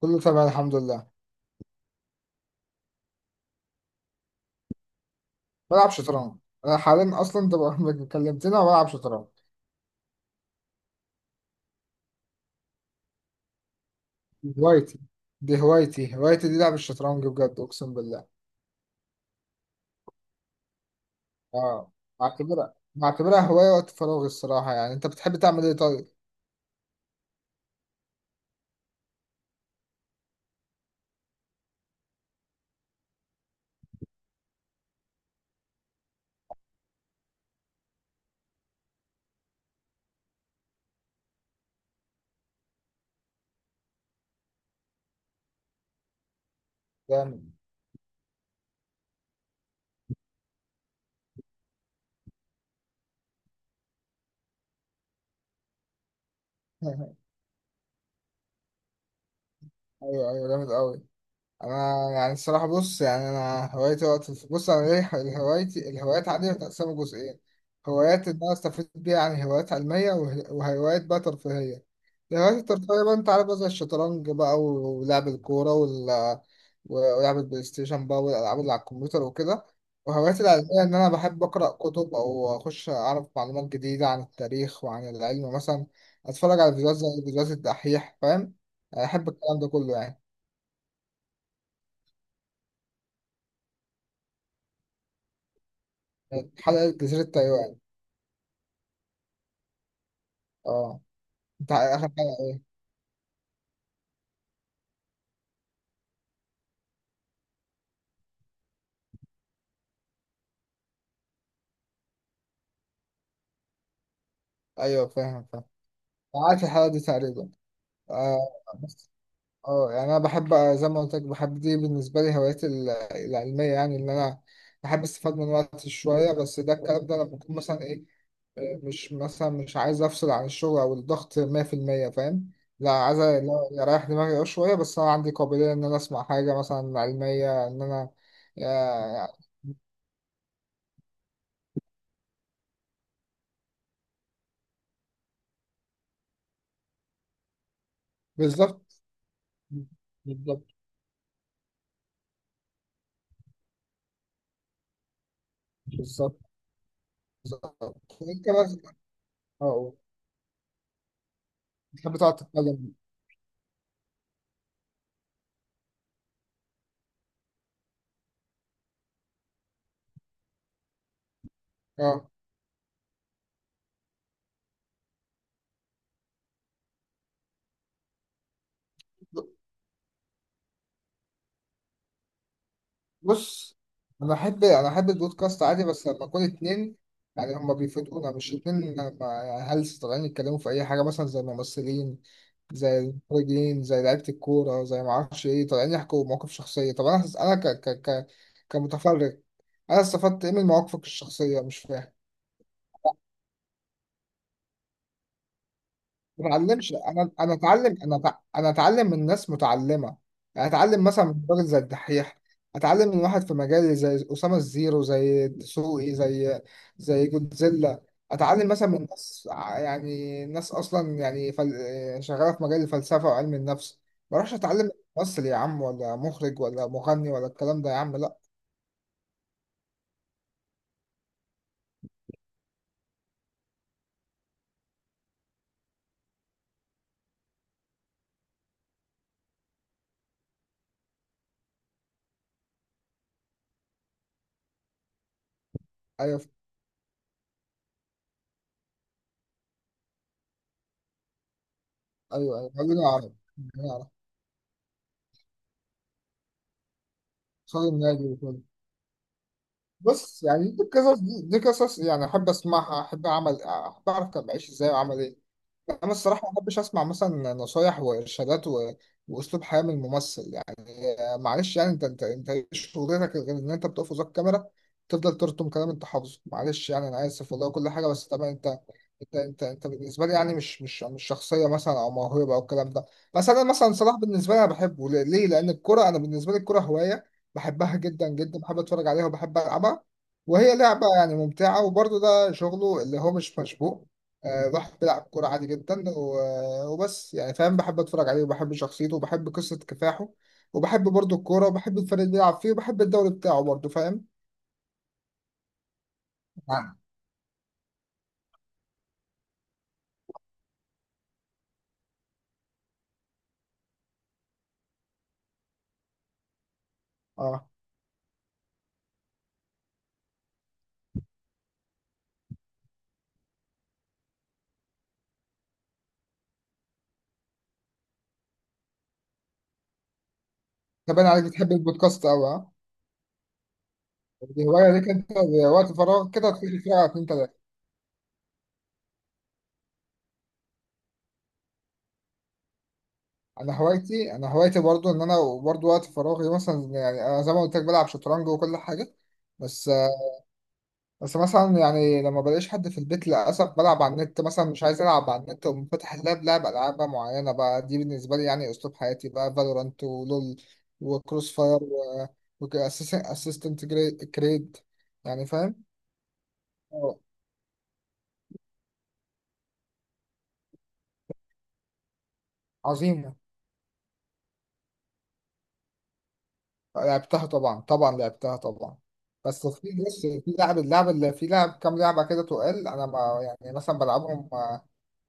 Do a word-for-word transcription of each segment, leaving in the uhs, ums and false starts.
كله تمام الحمد لله. بلعب شطرنج. انا حاليا اصلا انت بقى- كلمتني انا بلعب شطرنج. هوايتي، دي هوايتي هوايتي دي لعب الشطرنج بجد، اقسم بالله. اه، بعتبرها بعتبرها هوايه وقت فراغي الصراحه. يعني انت بتحب تعمل ايه طيب؟ جامد. ايوه، ايوه، جامد قوي. انا يعني الصراحه، بص، يعني انا هوايتي وقت الف- بص، انا ليه هوايتي؟ الهوايات عندي متقسمه جزئين: هوايات ان انا استفيد بيها، يعني هوايات علميه، وه- وهوايات بقى ترفيهيه. الهوايات الترفيهيه بقى انت عارف بقى، زي الشطرنج بقى و- ولعب الكوره وال... ولعب البلاي ستيشن بقى، والالعاب اللي على الكمبيوتر وكده. وهواياتي العلميه ان انا بحب اقرا كتب، او اخش اعرف معلومات جديده عن التاريخ وعن العلم مثلا، اتفرج على فيديوهات زي فيديوهات الدحيح، فاهم؟ يعني احب الكلام ده كله يعني. حلقة جزيرة تايوان. اه. انت اخر حلقة ايه؟ ايوه، فاهم، فاهم. عارف الحلقة دي تقريبا. آه بس. اه يعني انا بحب، آه، زي ما قلت لك، بحب دي. بالنسبة لي هواياتي ال- العلمية، يعني ان انا بحب استفاد من وقتي شوية. بس ده الكلام ده لما بكون مثلا ايه، آه، مش مثلا مش عايز افصل عن الشغل او الضغط مية في المية. فاهم؟ لا، عايز أ- لا، اريح دماغي أه شوية. بس انا عندي قابلية ان انا اسمع حاجة مثلا علمية ان انا، آه، بالظبط، بالظبط، بالظبط، بالظبط. انت مثلا، اه بتحب تقعد تتكلم؟ اه، بص، انا احب انا احب البودكاست عادي، بس لما اكون اتنين يعني هما بيفيدونا، مش اتنين هلس طالعين يتكلموا في اي حاجه، مثلا زي ممثلين، زي المخرجين، زي لعيبه الكوره، زي ما اعرفش ايه، طالعين يحكوا مواقف شخصيه. طب انا، انا ك ك ك كمتفرج، انا استفدت ايه من مواقفك الشخصيه؟ مش فاهم. ما اتعلمش. انا انا اتعلم، انا أتع- انا اتعلم من ناس متعلمه. يعني اتعلم مثلا من راجل زي الدحيح، اتعلم من واحد في مجالي زي اسامه الزيرو، زي دسوقي، زي زي جودزيلا. اتعلم مثلا من ناس ع- يعني ناس اصلا يعني فل... شغاله في مجال الفلسفه وعلم النفس. ما اروحش اتعلم من ممثل يا عم، ولا مخرج، ولا مغني، ولا الكلام ده يا عم، لا. ايوه، ايوه، ايوه، خلينا اعرف، خلينا اعرف. خالد النبي. بص يعني دي قصص، دي, دي قصص يعني احب اسمعها، احب اعمل احب اعرف كان بعيش ازاي وعمل ايه. انا الصراحه ما بحبش اسمع مثلا نصايح وارشادات و... واسلوب حياه من ممثل. آه، معلش يعني انت، انت انت ايه شغلتك غير ان انت بتقف قصاد كاميرا تفضل ترسم كلام انت حافظه؟ معلش يعني انا اسف والله كل حاجه، بس طبعا انت، انت انت انت بالنسبه لي يعني مش، مش مش شخصيه مثلا او موهبه او الكلام ده. بس انا مثلا صلاح، بالنسبه لي انا بحبه ليه؟ ليه؟ لان الكره، انا بالنسبه لي الكره هوايه بحبها جدا جدا، بحب اتفرج عليها وبحب العبها، وهي لعبه يعني ممتعه. وبرضه ده شغله اللي هو مش مشبوه، آه، راح بيلعب كورة عادي جدا و- وبس يعني، فاهم؟ بحب اتفرج عليه وبحب شخصيته وبحب قصة كفاحه، وبحب برضو الكورة، وبحب الفريق اللي بيلعب فيه، وبحب الدوري بتاعه برضو، فاهم؟ نعم. اه، تبان عليك بتحب البودكاست أوي، اه. دي هواية ليك انت، وقت فراغ كده تخش تتفرج على اتنين تلاتة. انا هوايتي انا هوايتي برضو ان انا، برضو وقت فراغي مثلا، يعني انا زي ما قلت لك بلعب شطرنج وكل حاجة. بس بس مثلا يعني لما بلاقيش حد في البيت للأسف، بلعب على النت. مثلا مش عايز ألعب على النت، ومفتح فاتح اللاب، لعب ألعاب بقى معينة بقى، دي بالنسبة لي يعني أسلوب حياتي بقى: فالورانت، ولول، وكروس فاير، وأسيستنت كريد يعني، فاهم؟ آه، عظيمة. لعبتها طبعا، طبعا لعبتها طبعا. بس في بص، في لعب، اللعب اللي في لعب كام لعبة كده، تقال أنا ما يعني مثلا بلعبهم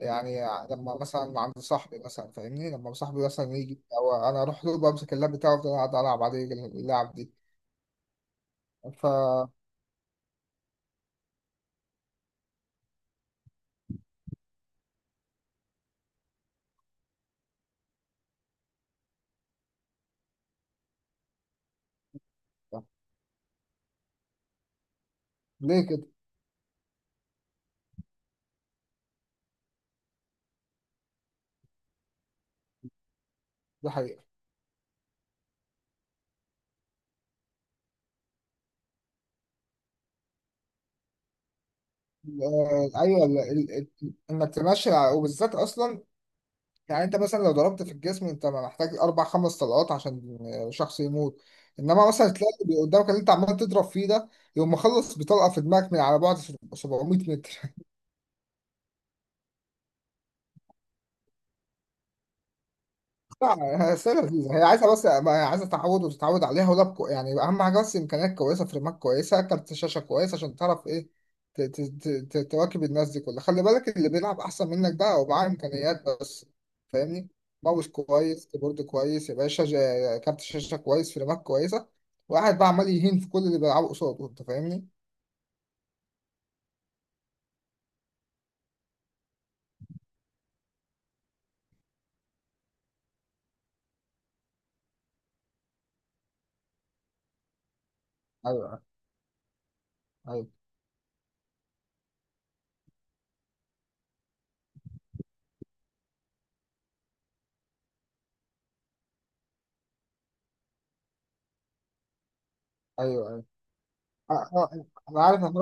يعني لما مثلا عند صاحبي، مثلا فاهمني، لما صاحبي مثلا يجي او انا اروح له، بمسك اللاب بتاعه وافضل قاعد العب عليه اللعب دي. ف ليه كده؟ دي حقيقة. آه، ايوه، ال- ال- ال- انك تمشي على- وبالذات اصلا يعني، انت مثلا لو ضربت في الجسم، انت محتاج اربع خمس طلقات عشان شخص يموت، انما مثلا تلاقي اللي قدامك، اللي انت عمال تضرب فيه ده، يقوم مخلص بطلقه في دماغك من على بعد سبع مية متر. لا، هي سنة لذيذة، هي عايزة بس، ما هي عايزة تعود وتتعود عليها. ولاب كو- يعني أهم حاجة بس إمكانيات كويسة، فريمات كويسة، كارت شاشة كويس، عشان تعرف إيه، ت- ت- ت- ت- تواكب الناس دي كلها. خلي بالك، اللي بيلعب أحسن منك ده هو معاه إمكانيات بس، فاهمني؟ ماوس كويس، كيبورد كويس يا باشا، جا- كارت شاشة كويس، فريمات كويسة، واحد بقى عمال يهين في كل اللي بيلعبه قصاده. أنت فاهمني؟ أيوه، أيوه، أيوه، أيوه. أ- أ- أنا عارف إن،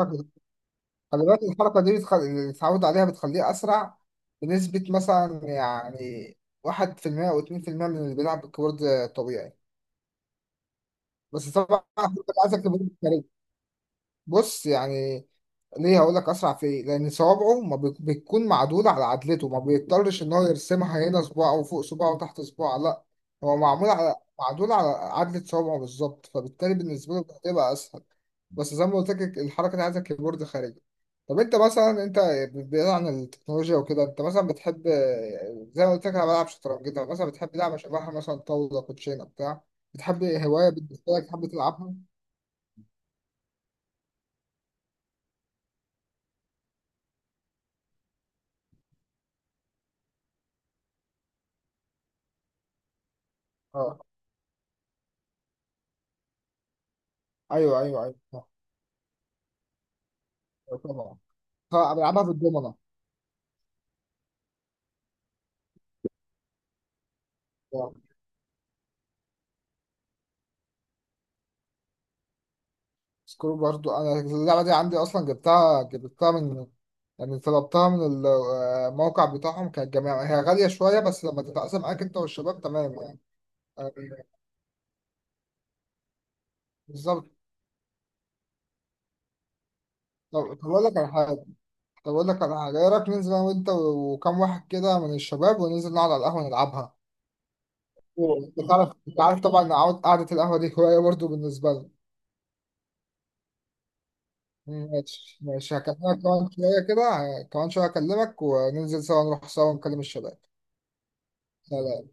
خلي بالك الحركة دي بتخ... اللي اتعود عليها بتخليه أسرع بنسبة مثلا يعني واحد في المية أو اتنين في المية من اللي بيلعب بالكيبورد طبيعي. بس طبعا عايزك تبقى، بص يعني، ليه هقول لك اسرع في ايه؟ لان صوابعه ما بت- بتكون معدوله على عدلته، ما بيضطرش ان هو يرسمها، هنا صباع وفوق صباع وتحت صباع، لا، هو معمول على معدول على عدله صوابعه بالظبط، فبالتالي بالنسبه له بتبقى اسهل. بس زي ما قلت لك الحركه دي عايزه كيبورد خارجي. طب انت مثلا، انت بعيد عن التكنولوجيا وكده، انت مثلا بتحب، زي ما قلت لك انا بلعب شطرنج، انت مثلا بتحب لعبه شبهها، مثلا طاوله، كوتشينه، بتاع بتحب هوايه بالنسبه لك تحب تلعبها؟ اه، ايوه، ايوه، ايوه. طبعا، طبعاً بلعبها في الدومنة. آه. سكرو برضو انا اللعبه دي عندي اصلا. جبتها، جبتها من يعني طلبتها من ال- آه، الموقع بتاعهم. كانت جميع، هي غاليه شويه، بس لما تتقسم معاك انت والشباب تمام يعني. آه، بالظبط. طب طب اقول لك على حاجه طب اقول لك على حاجه، ايه رايك ننزل انا وانت وكام واحد كده من الشباب، وننزل نقعد على القهوه نلعبها؟ انت عارف انت عارف طبعا إن عود- قعده القهوه دي هوايه برضو بالنسبه لي. ماشي، ماشي، هكلمك كمان شويه كده، كمان شويه اكلمك وننزل سوا، نروح سوا نكلم الشباب. خلاص.